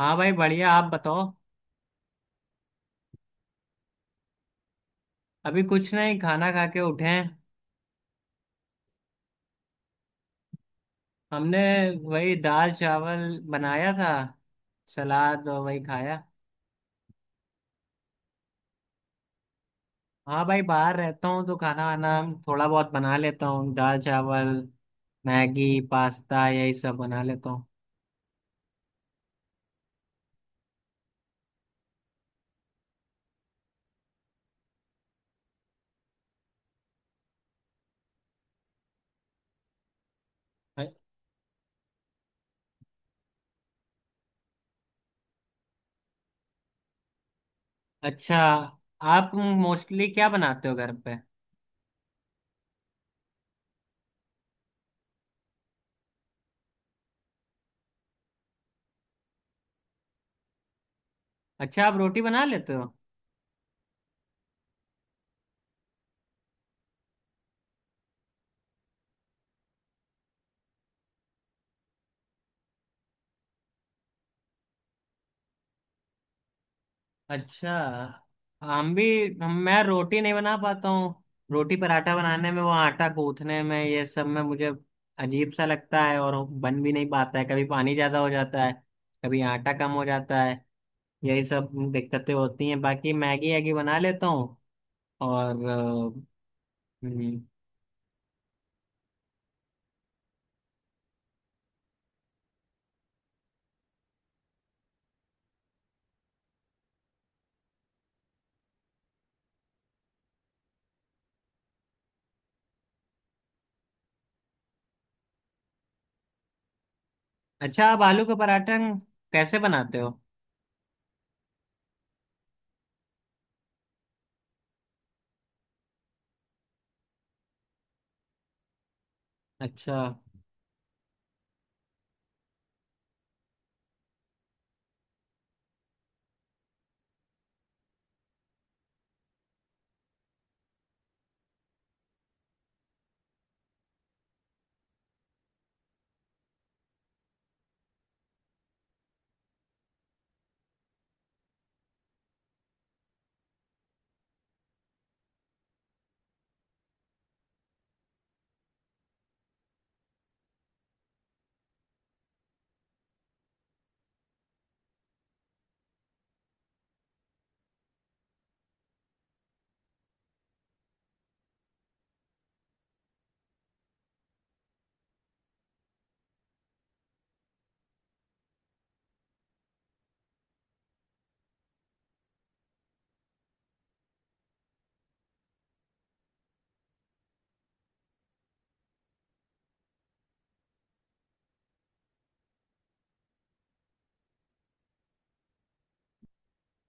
हाँ भाई, बढ़िया, आप बताओ। अभी कुछ नहीं, खाना खा के उठे हैं। हमने वही दाल चावल बनाया था। सलाद और वही खाया। हाँ भाई, बाहर रहता हूँ तो खाना वाना थोड़ा बहुत बना लेता हूँ, दाल चावल मैगी पास्ता यही सब बना लेता हूँ। अ- अच्छा, आप मोस्टली क्या बनाते हो घर पे? अच्छा, आप रोटी बना लेते हो? अच्छा। हम भी, हम मैं रोटी नहीं बना पाता हूँ। रोटी पराठा बनाने में, वो आटा गूंथने में, ये सब में मुझे अजीब सा लगता है और बन भी नहीं पाता है। कभी पानी ज्यादा हो जाता है, कभी आटा कम हो जाता है। यही सब दिक्कतें होती हैं, बाकी मैगी वैगी बना लेता हूँ। और हम्म, अच्छा, आप आलू का पराठा कैसे बनाते हो? अच्छा,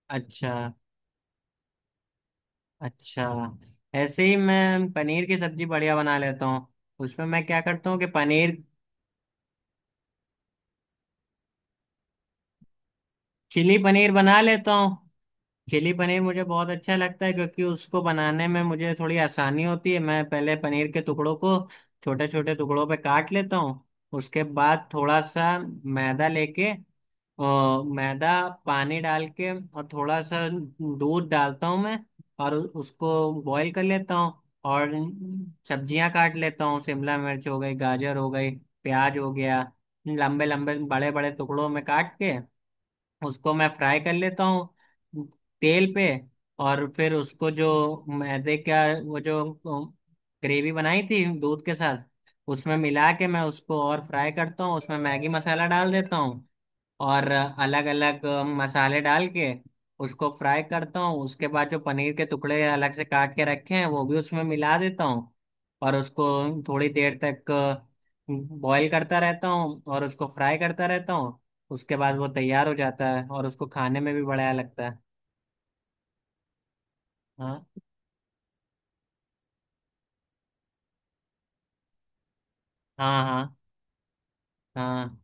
अच्छा, अच्छा। ऐसे ही मैं पनीर की सब्जी बढ़िया बना लेता हूँ। उसमें मैं क्या करता हूँ कि पनीर, चिली पनीर बना लेता हूँ। चिली पनीर मुझे बहुत अच्छा लगता है, क्योंकि उसको बनाने में मुझे थोड़ी आसानी होती है। मैं पहले पनीर के टुकड़ों को छोटे छोटे टुकड़ों पे काट लेता हूँ। उसके बाद थोड़ा सा मैदा लेके, और मैदा पानी डाल के, और थोड़ा सा दूध डालता हूँ मैं। और उसको बॉईल कर लेता हूँ। और सब्जियां काट लेता हूँ, शिमला मिर्च हो गई, गाजर हो गई, प्याज हो गया, लंबे लंबे बड़े बड़े टुकड़ों में काट के उसको मैं फ्राई कर लेता हूँ तेल पे। और फिर उसको जो मैदे का, वो जो ग्रेवी बनाई थी दूध के साथ, उसमें मिला के मैं उसको और फ्राई करता हूँ। उसमें मैगी मसाला डाल देता हूँ और अलग अलग मसाले डाल के उसको फ्राई करता हूँ। उसके बाद जो पनीर के टुकड़े अलग से काट के रखे हैं, वो भी उसमें मिला देता हूँ और उसको थोड़ी देर तक बॉईल करता रहता हूँ और उसको फ्राई करता रहता हूँ। उसके बाद वो तैयार हो जाता है और उसको खाने में भी बढ़िया लगता है। हाँ, हाँ, हाँ, हाँ,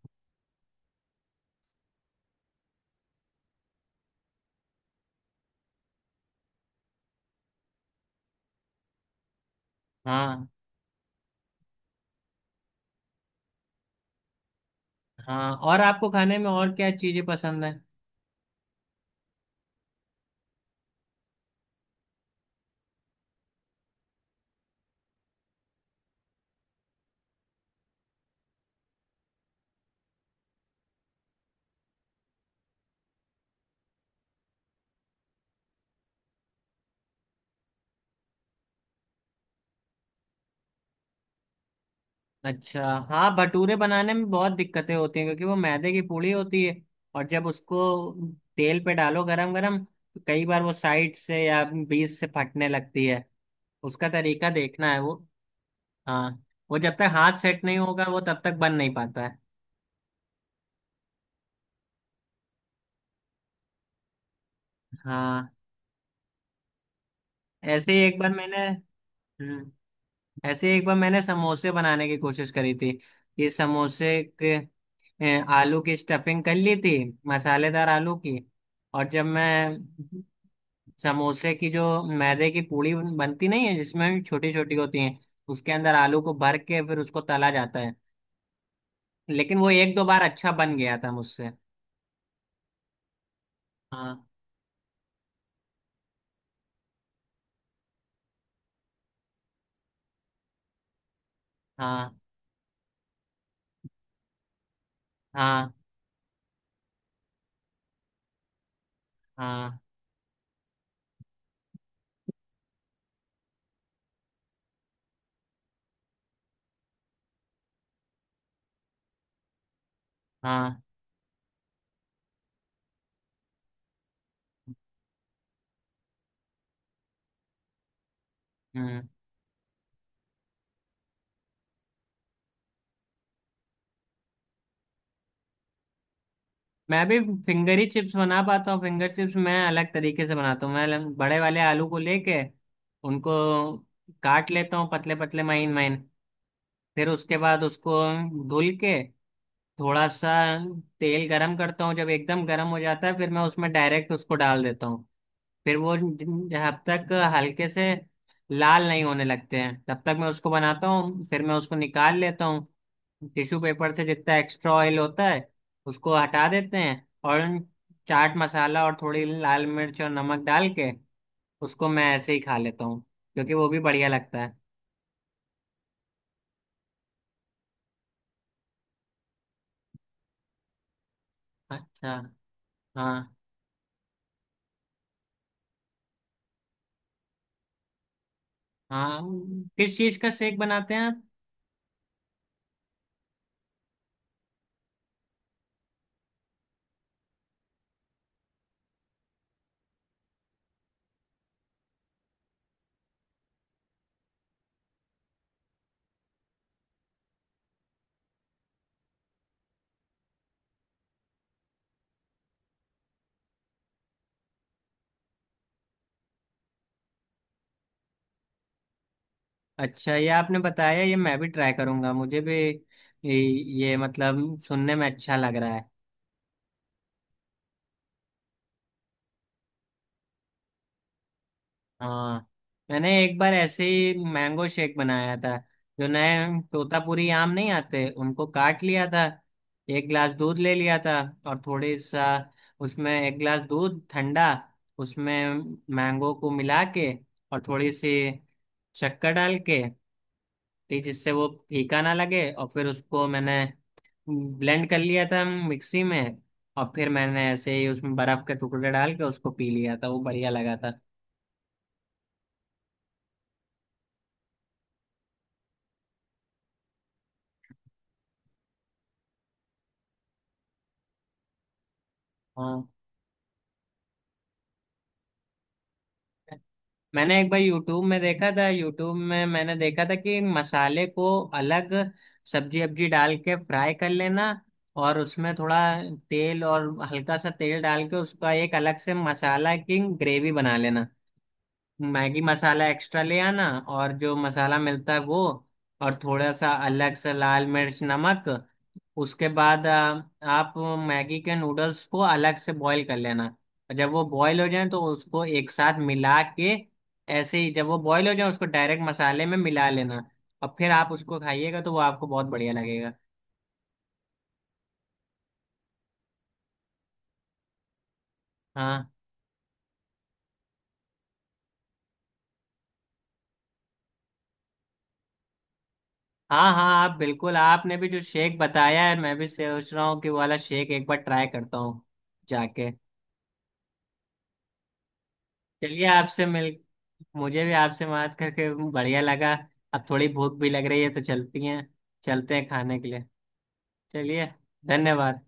हाँ, हाँ। और आपको खाने में और क्या चीज़ें पसंद है? अच्छा। हाँ, भटूरे बनाने में बहुत दिक्कतें होती हैं क्योंकि वो मैदे की पूड़ी होती है। और जब उसको तेल पे डालो गरम गरम, तो कई बार वो साइड से या बीच से फटने लगती है। उसका तरीका देखना है वो। हाँ। वो जब तक हाथ सेट नहीं होगा, वो तब तक बन नहीं पाता है। हाँ। ऐसे ही एक बार मैंने हम्म, ऐसे ही एक बार मैंने समोसे बनाने की कोशिश करी थी। ये समोसे के आलू की स्टफिंग कर ली थी, मसालेदार आलू की। और जब मैं समोसे की जो मैदे की पूड़ी बनती नहीं है जिसमें छोटी छोटी होती है, उसके अंदर आलू को भर के फिर उसको तला जाता है। लेकिन वो एक दो बार अच्छा बन गया था मुझसे। हाँ, हाँ, हाँ, हाँ, हाँ, हम्म। मैं भी फिंगर ही चिप्स बना पाता हूँ। फिंगर चिप्स मैं अलग तरीके से बनाता हूँ। मैं बड़े वाले आलू को लेके उनको काट लेता हूँ पतले पतले महीन महीन। फिर उसके बाद उसको धुल के थोड़ा सा तेल गरम करता हूँ। जब एकदम गरम हो जाता है फिर मैं उसमें डायरेक्ट उसको डाल देता हूँ। फिर वो जब तक हल्के से लाल नहीं होने लगते हैं तब तक मैं उसको बनाता हूँ। फिर मैं उसको निकाल लेता हूँ, टिश्यू पेपर से जितना एक्स्ट्रा ऑयल होता है उसको हटा देते हैं, और चाट मसाला और थोड़ी लाल मिर्च और नमक डाल के उसको मैं ऐसे ही खा लेता हूँ, क्योंकि वो भी बढ़िया लगता है। अच्छा, हाँ, हाँ। किस चीज़ का शेक बनाते हैं आप? अच्छा, ये आपने बताया, ये मैं भी ट्राई करूंगा। मुझे भी ये, मतलब सुनने में अच्छा लग रहा है। हाँ, मैंने एक बार ऐसे ही मैंगो शेक बनाया था। जो नए तोतापुरी आम नहीं आते, उनको काट लिया था। एक ग्लास दूध ले लिया था और थोड़ी सा, उसमें एक ग्लास दूध ठंडा, उसमें मैंगो को मिला के और थोड़ी सी शक्कर डाल के टी, जिससे वो फीका ना लगे। और फिर उसको मैंने ब्लेंड कर लिया था मिक्सी में। और फिर मैंने ऐसे ही उसमें बर्फ के टुकड़े डाल के उसको पी लिया था, वो बढ़िया लगा था। हाँ, मैंने एक बार यूट्यूब में देखा था। यूट्यूब में मैंने देखा था कि मसाले को अलग सब्जी अब्जी डाल के फ्राई कर लेना। और उसमें थोड़ा तेल, और हल्का सा तेल डाल के उसका एक अलग से मसाला की ग्रेवी बना लेना। मैगी मसाला एक्स्ट्रा ले आना, और जो मसाला मिलता है वो, और थोड़ा सा अलग से लाल मिर्च नमक। उसके बाद आप मैगी के नूडल्स को अलग से बॉईल कर लेना। और जब वो बॉईल हो जाए तो उसको एक साथ मिला के, ऐसे ही जब वो बॉईल हो जाए उसको डायरेक्ट मसाले में मिला लेना। और फिर आप उसको खाइएगा तो वो आपको बहुत बढ़िया लगेगा। हाँ, हाँ। हाँ, आप बिल्कुल। आपने भी जो शेक बताया है, मैं भी सोच रहा हूँ कि वो वाला शेक एक बार ट्राई करता हूँ जाके। चलिए, आपसे मिल मुझे भी आपसे बात करके बढ़िया लगा। अब थोड़ी भूख भी लग रही है, तो चलती हैं चलते हैं खाने के लिए। चलिए, धन्यवाद।